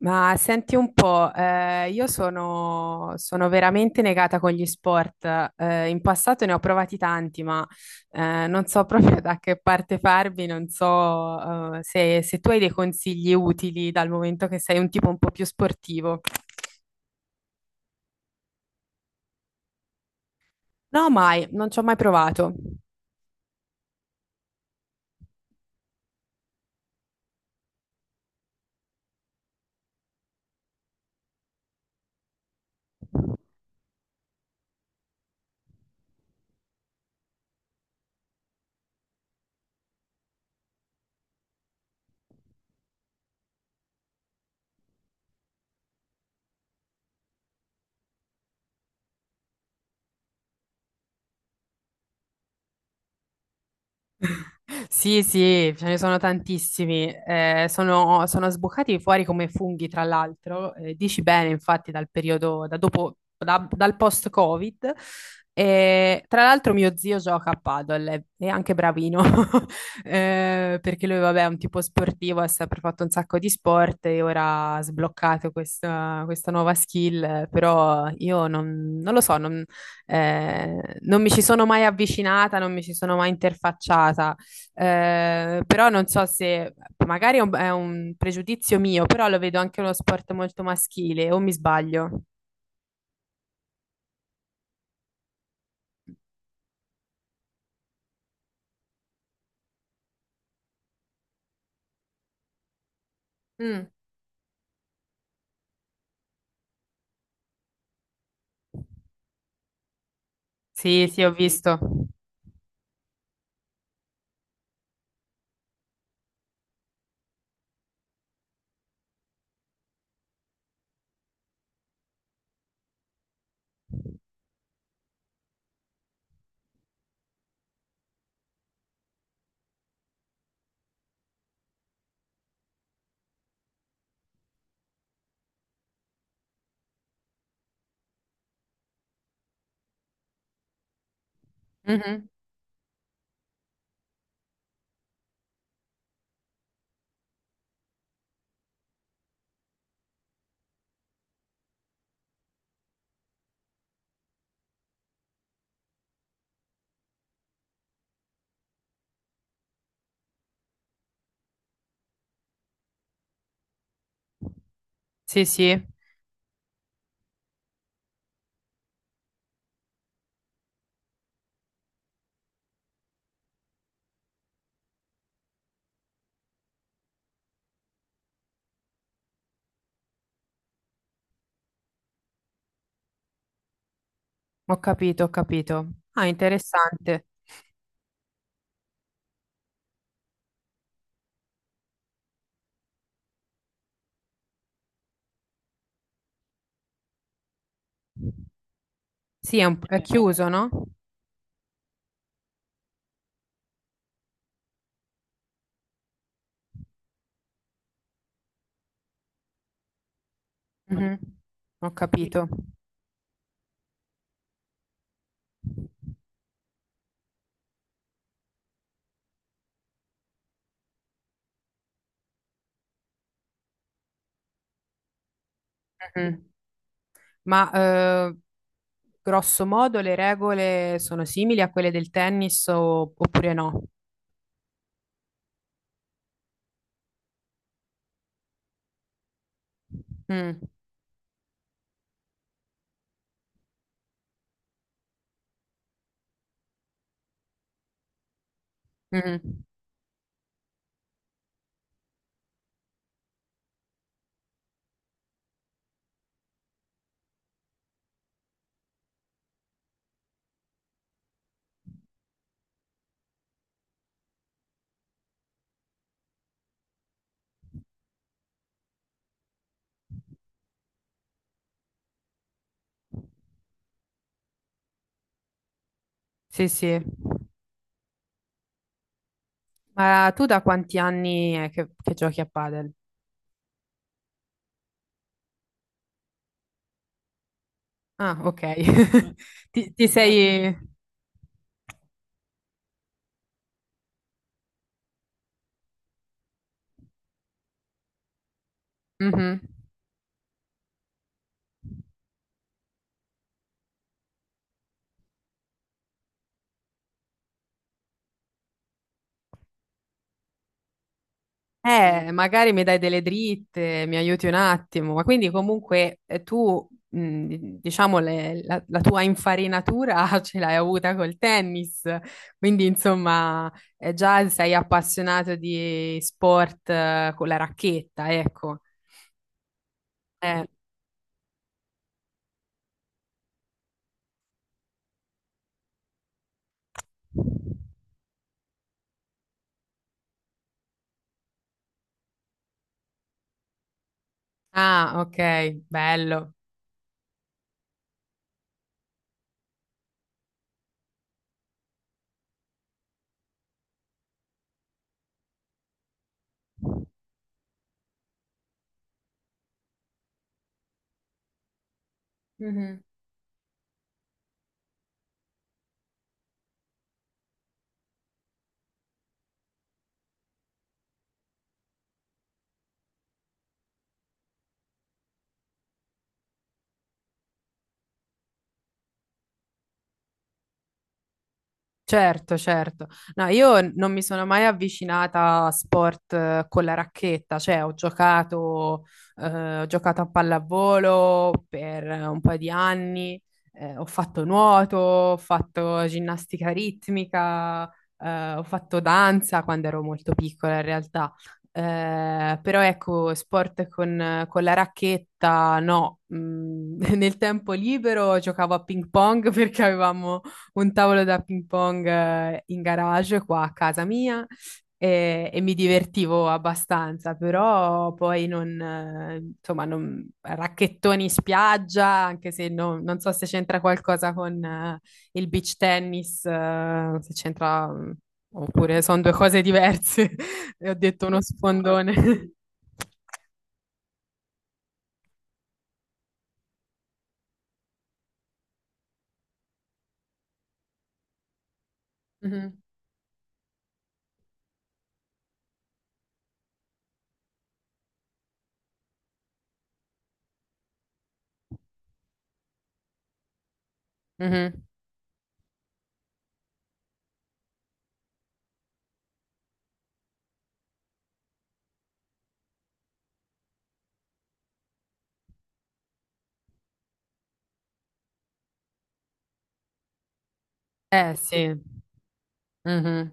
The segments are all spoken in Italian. Ma senti un po', io sono veramente negata con gli sport. In passato ne ho provati tanti, ma non so proprio da che parte farmi, non so se tu hai dei consigli utili dal momento che sei un tipo un po' più sportivo. No, mai, non ci ho mai provato. Sì, sì, ce ne sono tantissimi. Sono sboccati fuori come funghi, tra l'altro. Dici bene, infatti, dal periodo, da dopo, dal post-Covid. E, tra l'altro, mio zio gioca a padel, è anche bravino. Perché lui, vabbè, è un tipo sportivo, ha sempre fatto un sacco di sport e ora ha sbloccato questa nuova skill. Però io non, non lo so, non mi ci sono mai avvicinata, non mi ci sono mai interfacciata. Però non so se magari è è un pregiudizio mio, però lo vedo anche uno sport molto maschile, o mi sbaglio? Mm. Sì, sì, ho visto. Mhm. Sì, sì, ho capito, ho capito. Ah, interessante. Sì, è chiuso, no? Mhm. Ho capito. Mhm. Ma grosso modo le regole sono simili a quelle del tennis oppure no? Mm. Mhm. Sì, sì. Ma tu da quanti anni è che giochi a padel? Ah, ok. Ti Da sei... tempo, Mhm. Sì. Magari mi dai delle dritte, mi aiuti un attimo, ma quindi comunque tu, diciamo, la tua infarinatura ce l'hai avuta col tennis, quindi insomma già sei appassionato di sport con la racchetta, ecco. Eh, ah, ok, bello. Certo, certo. No, io non mi sono mai avvicinata a sport con la racchetta, cioè ho giocato a pallavolo per un paio di anni, ho fatto nuoto, ho fatto ginnastica ritmica, ho fatto danza quando ero molto piccola in realtà. Però ecco, sport con la racchetta, no. Mm, nel tempo libero giocavo a ping pong perché avevamo un tavolo da ping pong in garage qua a casa mia e mi divertivo abbastanza, però poi non, insomma, non, racchettoni in spiaggia, anche se non non so se c'entra qualcosa con il beach tennis, se c'entra, mm, oppure sono due cose diverse, e ho detto uno sfondone. Mhm, mhm. Eh sì. Mhm.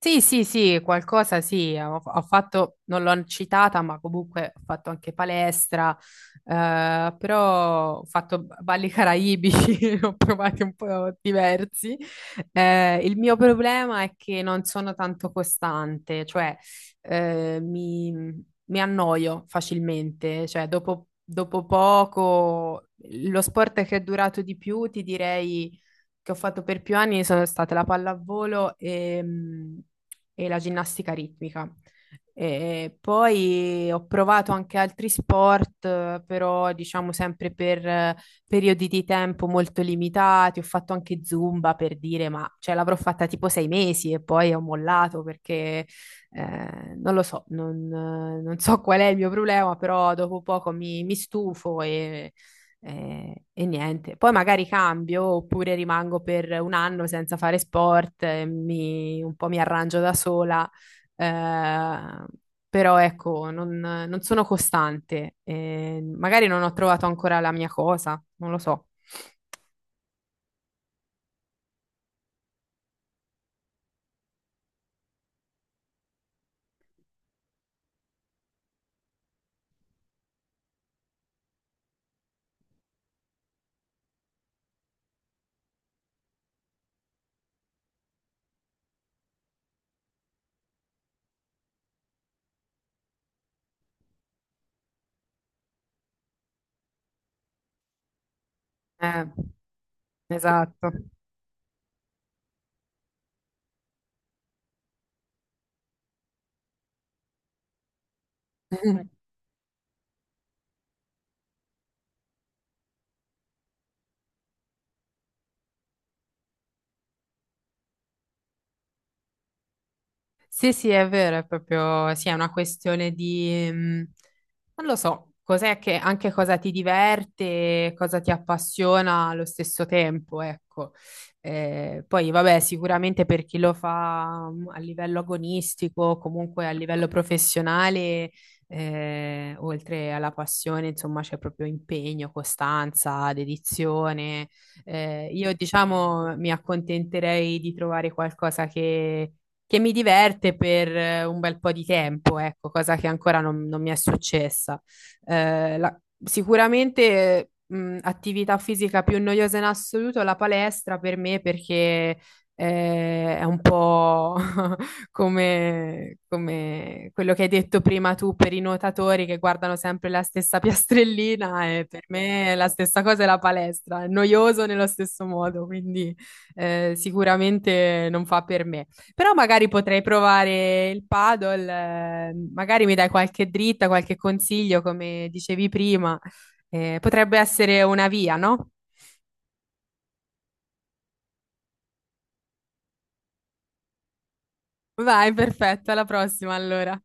Sì, sì, sì, qualcosa sì, ho fatto, non l'ho citata, ma comunque ho fatto anche palestra, però ho fatto balli caraibici, ne ho provati un po' diversi. Il mio problema è che non sono tanto costante, cioè eh, mi, mi annoio facilmente, cioè dopo, dopo poco, lo sport che è durato di più, ti direi che ho fatto per più anni sono state la pallavolo e la ginnastica ritmica. E poi ho provato anche altri sport, però diciamo sempre per periodi di tempo molto limitati. Ho fatto anche Zumba per dire, ma cioè, l'avrò fatta tipo sei mesi e poi ho mollato perché non lo so, non, non so qual è il mio problema, però dopo poco mi, mi stufo e niente, poi magari cambio oppure rimango per un anno senza fare sport, un po' mi arrangio da sola, eh, però ecco, non, non sono costante, magari non ho trovato ancora la mia cosa, non lo so. Eh, esatto. Sì, sì, è vero, è proprio, sì, è una questione di, mm, non lo so, cos'è che, anche cosa ti diverte, cosa ti appassiona allo stesso tempo, ecco. Poi, vabbè, sicuramente per chi lo fa mm, a livello agonistico, comunque a livello professionale, oltre alla passione, insomma, c'è proprio impegno, costanza, dedizione. Io, diciamo, mi accontenterei di trovare qualcosa che mi diverte per un bel po' di tempo, ecco, cosa che ancora non, non mi è successa. Eh, la- Sicuramente, attività fisica più noiosa in assoluto è la palestra per me perché è un po' come, come quello che hai detto prima tu per i nuotatori che guardano sempre la stessa piastrellina e per me la stessa cosa è la palestra, è noioso nello stesso modo, quindi sicuramente non fa per me. Però magari potrei provare il paddle, magari mi dai qualche dritta, qualche consiglio, come dicevi prima. Potrebbe essere una via, no? Vai, perfetto, alla prossima allora.